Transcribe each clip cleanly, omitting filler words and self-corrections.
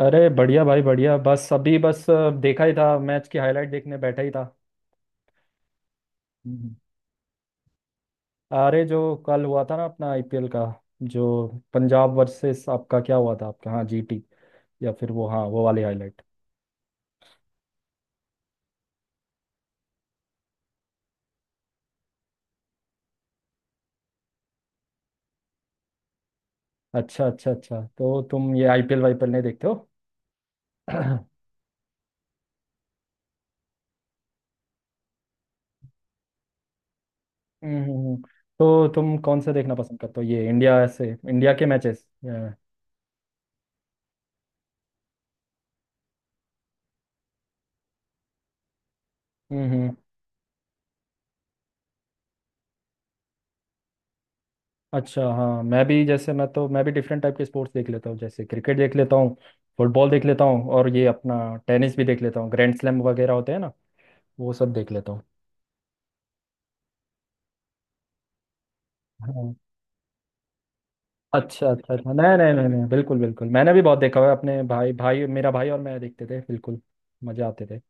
अरे बढ़िया भाई बढ़िया। बस अभी बस देखा ही था, मैच की हाईलाइट देखने बैठा ही था। हम्म। अरे जो कल हुआ था ना अपना आईपीएल का, जो पंजाब वर्सेस आपका क्या हुआ था आपका, हाँ जीटी, या फिर वो, हाँ वो वाली हाईलाइट। अच्छा अच्छा अच्छा, तो तुम ये आईपीएल वाईपीएल नहीं देखते हो। हम्म हम्म, हम्म। तो तुम कौन सा देखना पसंद करते हो, ये इंडिया से, इंडिया के मैचेस। हम्म। अच्छा हाँ, मैं भी, जैसे मैं भी डिफरेंट टाइप के स्पोर्ट्स देख लेता हूँ, जैसे क्रिकेट देख लेता हूँ, फुटबॉल देख लेता हूँ, और ये अपना टेनिस भी देख लेता हूँ। ग्रैंड स्लैम वगैरह होते हैं ना, वो सब देख लेता हूँ। हाँ। अच्छा अच्छा अच्छा, नहीं नहीं नहीं नहीं, बिल्कुल बिल्कुल, मैंने भी बहुत देखा हुआ है अपने भाई भाई, मेरा भाई और मैं देखते थे, बिल्कुल मजे आते थे।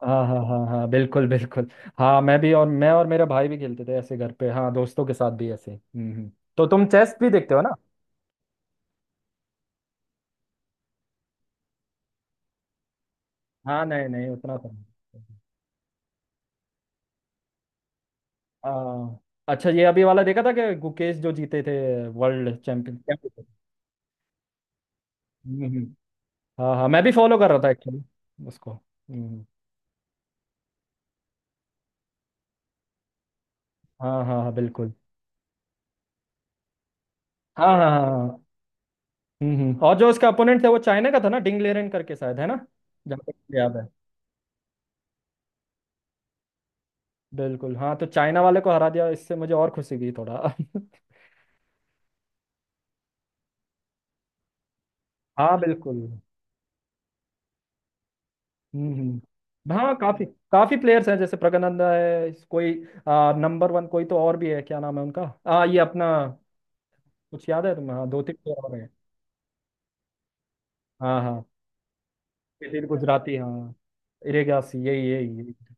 हाँ हाँ हाँ हाँ, बिल्कुल बिल्कुल। हाँ मैं भी, और मेरा भाई भी खेलते थे, ऐसे घर पे, हाँ दोस्तों के साथ भी ऐसे। तो तुम चेस भी देखते हो ना। हाँ नहीं नहीं, उतना तो नहीं। आ, अच्छा, ये अभी वाला देखा था कि गुकेश जो जीते थे वर्ल्ड चैंपियन, क्या बोलते हैं? हम्म हम्म। हाँ हाँ, मैं भी फॉलो कर रहा था एक्चुअली उसको। हाँ हाँ हाँ, बिल्कुल। हाँ हाँ हाँ हाँ, और जो उसका अपोनेंट था वो चाइना का था ना, डिंग लेरेन करके शायद है ना, जहाँ तक मुझे याद है। बिल्कुल हाँ, तो चाइना वाले को हरा दिया, इससे मुझे और खुशी हुई थोड़ा। हाँ बिल्कुल। हम्म हम्म। हाँ काफी काफी प्लेयर्स हैं, जैसे प्रगनंदा है, कोई नंबर वन कोई तो और भी है, क्या नाम है उनका, ये अपना कुछ याद है तुम्हें? हाँ दो तीन तो और हैं। हाँ हाँ, किसी गुजराती, हाँ इरेगासी, यही यही यही।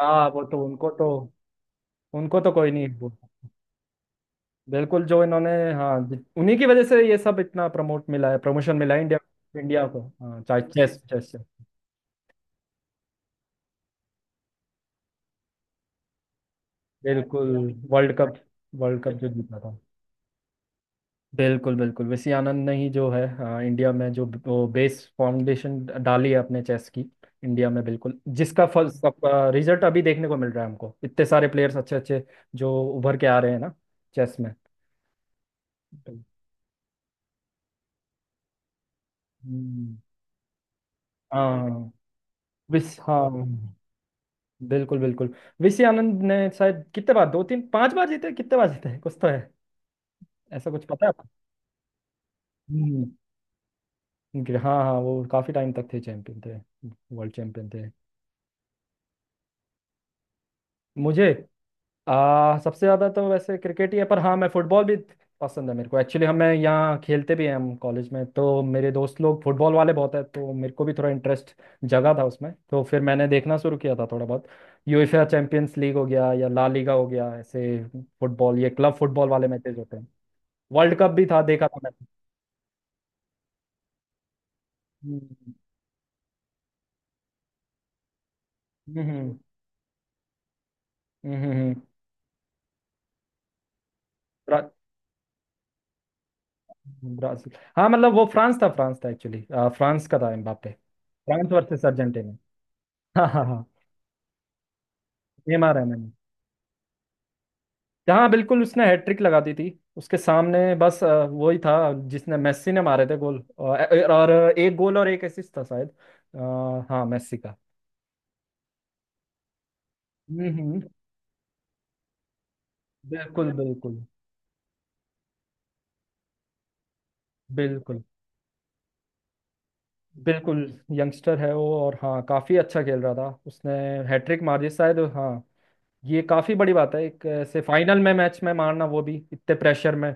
हाँ वो तो, उनको तो, उनको तो कोई नहीं बोलता, बिल्कुल। जो इन्होंने, हाँ उन्हीं की वजह से ये सब इतना प्रमोट मिला है, प्रमोशन मिला है इंडिया, इंडिया को, हाँ चाहे चेस, चेस से, बिल्कुल। वर्ल्ड कप, वर्ल्ड कप जो जीता था। बिल्कुल बिल्कुल, वैसी आनंद ने ही जो है, इंडिया में जो वो बेस फाउंडेशन डाली है अपने चेस की, इंडिया में, बिल्कुल, जिसका फल सब, रिजल्ट अभी देखने को मिल रहा है हमको, इतने सारे प्लेयर्स अच्छे अच्छे जो उभर के आ रहे हैं ना चेस में। हम्म, हाँ, विस हाँ। बिल्कुल बिल्कुल, विसी आनंद ने शायद कितने बार, दो तीन पांच बार जीते, कितने बार जीते हैं? कुछ तो है ऐसा, कुछ पता है आपको? हम्म। हाँ हाँ, वो काफी टाइम तक थे चैंपियन थे, वर्ल्ड चैंपियन थे। मुझे सबसे ज़्यादा तो वैसे क्रिकेट ही है, पर हाँ मैं फुटबॉल भी पसंद है मेरे को एक्चुअली, हमें यहाँ खेलते भी हैं हम कॉलेज में, तो मेरे दोस्त लोग फुटबॉल वाले बहुत है, तो मेरे को भी थोड़ा इंटरेस्ट जगा था उसमें, तो फिर मैंने देखना शुरू किया था थोड़ा बहुत। यूएफए चैंपियंस लीग हो गया, या ला लीगा हो गया, ऐसे फुटबॉल ये क्लब फुटबॉल वाले मैचेज होते हैं। वर्ल्ड कप भी था देखा था मैंने। हम्म हम्म, हम्म। ब्रा- ब्राजील हाँ मतलब वो फ्रांस था, फ्रांस था एक्चुअली, फ्रांस का था एम्बाप्पे, फ्रांस वर्सेस अर्जेंटीना। हाँ हाँ हाँ। नेमार है, मैंने जहाँ, बिल्कुल उसने हैट्रिक लगा दी थी, उसके सामने बस वही था जिसने, मेस्सी ने मारे थे गोल, और एक गोल और एक असिस्ट था शायद, हाँ मेस्सी का। हम्म हम्म, बिल्कुल बिल्कुल। बिल्कुल बिल्कुल, यंगस्टर है वो, और हाँ काफी अच्छा खेल रहा था, उसने हैट्रिक मार दी शायद, हाँ ये काफी बड़ी बात है, एक ऐसे फाइनल में, मैच में मारना, वो भी इतने प्रेशर में।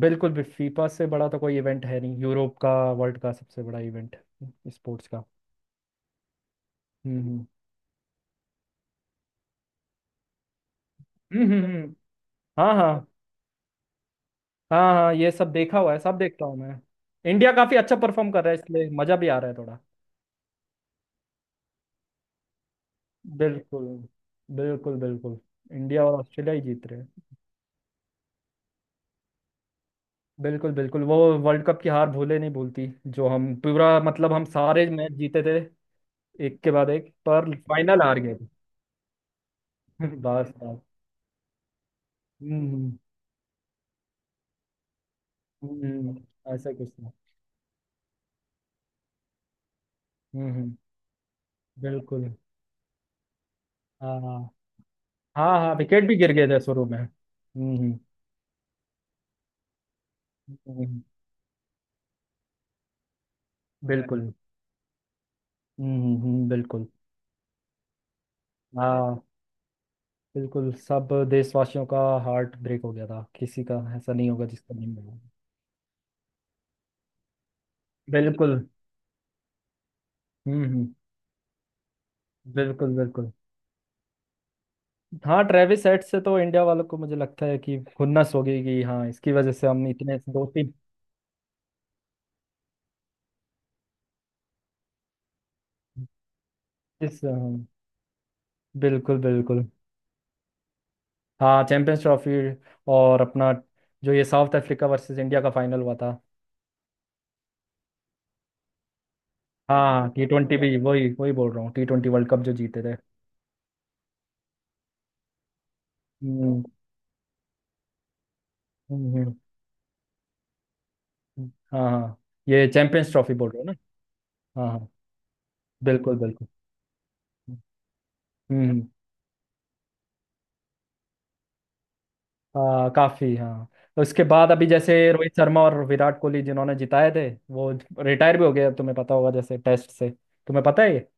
बिल्कुल, भी फीफा से बड़ा तो कोई इवेंट है नहीं, यूरोप का, वर्ल्ड का सबसे बड़ा इवेंट स्पोर्ट्स का। हम्म हम्म। हम्म हम्म हम्म, हाँ हाँ। हाँ हाँ, ये सब देखा हुआ है, सब देखता हूँ मैं। इंडिया काफी अच्छा परफॉर्म कर रहा है, इसलिए मजा भी आ रहा है थोड़ा। बिल्कुल बिल्कुल। बिल्कुल, इंडिया और ऑस्ट्रेलिया ही जीत रहे हैं। बिल्कुल बिल्कुल, वो वर्ल्ड कप की हार भूले नहीं भूलती, जो हम पूरा मतलब, हम सारे मैच जीते थे एक के बाद एक, पर फाइनल हार गए थे। बस बस। हम्म ऐसा कुछ था। हम्म हम्म, बिल्कुल। हाँ हाँ हाँ हाँ विकेट भी गिर गए थे शुरू में, हम्म। हम्म, बिल्कुल। बिल्कुल। हाँ, बिल्कुल सब देशवासियों का हार्ट ब्रेक हो गया था, किसी का ऐसा नहीं होगा जिसका नहीं मिला। बिल्कुल। हम्म। बिल्कुल बिल्कुल, हाँ ट्रेविस हेड से तो इंडिया वालों को मुझे लगता है कि खुन्नस हो गई, कि हाँ इसकी वजह से हम इतने, दो तीन, इस हाँ, बिल्कुल बिल्कुल। हाँ चैंपियंस ट्रॉफी, और अपना जो ये साउथ अफ्रीका वर्सेस इंडिया का फाइनल हुआ था। हाँ टी ट्वेंटी भी, वही वही बोल रहा हूँ, टी ट्वेंटी वर्ल्ड कप जो जीते थे। हम्म हम्म, हम्म। हाँ हाँ, ये चैंपियंस ट्रॉफी बोल रहे हो ना। हाँ हाँ, बिल्कुल बिल्कुल। हम्म हम्म। काफी हाँ, उसके बाद अभी जैसे रोहित शर्मा और विराट कोहली जिन्होंने जिताए थे, वो रिटायर भी हो गए, अब तुम्हें पता होगा, जैसे टेस्ट से, तुम्हें पता है ये।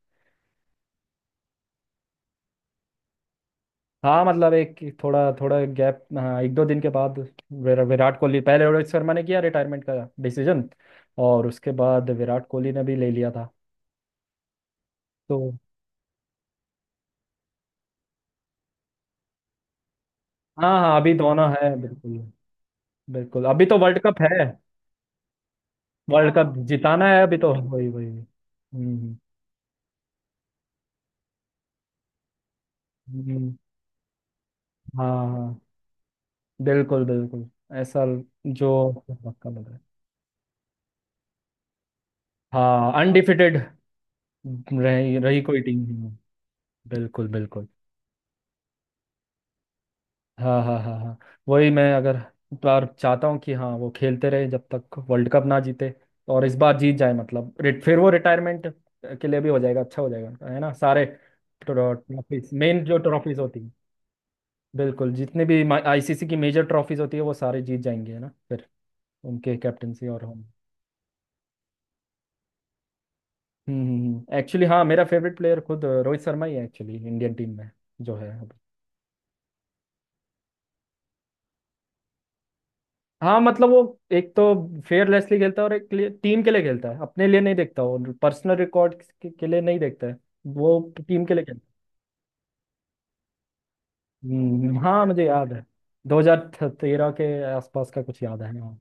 हाँ मतलब एक, थोड़ा थोड़ा गैप, हाँ एक दो दिन के बाद, विराट कोहली, पहले रोहित शर्मा ने किया रिटायरमेंट का डिसीजन, और उसके बाद विराट कोहली ने भी ले लिया था तो। हाँ हाँ अभी दोनों है, बिल्कुल। बिल्कुल, अभी तो वर्ल्ड कप है, वर्ल्ड कप जिताना है अभी तो, वही वही। हम्म, हाँ हाँ, बिल्कुल बिल्कुल, ऐसा जो पक्का लग रहा है। हाँ अनडिफिटेड रही रही कोई टीम नहीं है। बिल्कुल बिल्कुल। हाँ हाँ हाँ हाँ, वही, मैं अगर बार चाहता हूँ कि हाँ वो खेलते रहे जब तक वर्ल्ड कप ना जीते, और इस बार जीत जाए, मतलब फिर वो रिटायरमेंट के लिए भी हो जाएगा, अच्छा हो जाएगा है ना, सारे ट्रॉफीज मेन जो ट्रॉफीज होती, बिल्कुल, जितने भी आईसीसी की मेजर ट्रॉफीज होती है, वो सारे जीत जाएंगे है ना फिर, उनके कैप्टनसी। और हम, हम्म, एक्चुअली हाँ मेरा फेवरेट प्लेयर खुद रोहित शर्मा ही है एक्चुअली, इंडियन टीम में जो है अभी। हाँ मतलब वो एक तो फेयरलेसली खेलता है, और एक टीम के लिए खेलता है, अपने लिए नहीं देखता, वो पर्सनल रिकॉर्ड के लिए नहीं देखता है वो, टीम के लिए खेलता है। हाँ मुझे याद है, 2013 के आसपास का कुछ याद है, हाँ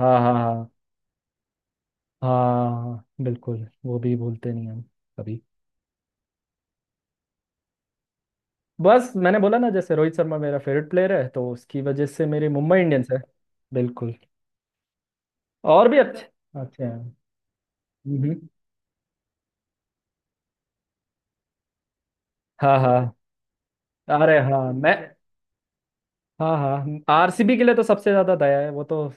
हाँ हाँ हाँ। हाँ, हाँ, बिल्कुल वो भी भूलते नहीं हम कभी। बस मैंने बोला ना, जैसे रोहित शर्मा मेरा फेवरेट प्लेयर है, तो उसकी वजह से मेरी मुंबई इंडियंस है। बिल्कुल, और भी अच्छे अच्छे हैं। हम्म, हाँ हाँ। अरे हाँ मैं, हाँ हाँ, आरसीबी के लिए तो सबसे ज्यादा दया है, वो तो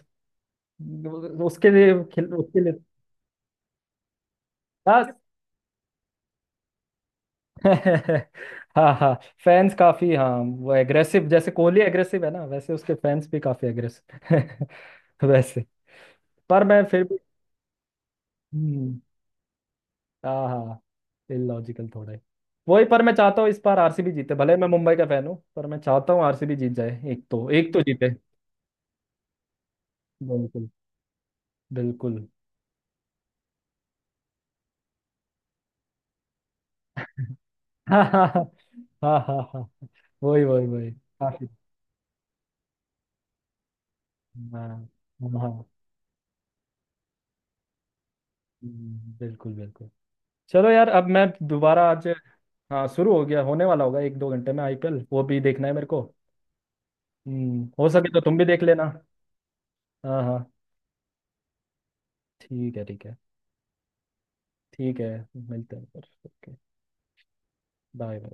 उसके लिए, उसके लिए बस। हाँ हाँ, फैंस काफी, हाँ वो एग्रेसिव, जैसे कोहली एग्रेसिव है ना, वैसे उसके फैंस भी काफी एग्रेसिव। वैसे पर मैं फिर भी। हम्म, हाँ हाँ, इलॉजिकल थोड़ा है, वही, पर मैं चाहता हूँ इस बार आरसीबी जीते, भले मैं मुंबई का फैन हूँ, पर मैं चाहता हूँ आरसीबी जीत जाए, एक तो, एक तो जीते। बिल्कुल बिल्कुल। हाँ हाँ हाँ हाँ हाँ, वही वही वही काफी। हाँ हाँ। बिल्कुल बिल्कुल। चलो यार, अब मैं दोबारा आज, हाँ शुरू हो गया, होने वाला होगा एक दो घंटे में आईपीएल, वो भी देखना है मेरे को। हम्म, हो सके तो तुम भी देख लेना। हाँ हाँ, ठीक है ठीक है। ठीक है, मिलते हैं फिर, ओके। बाय।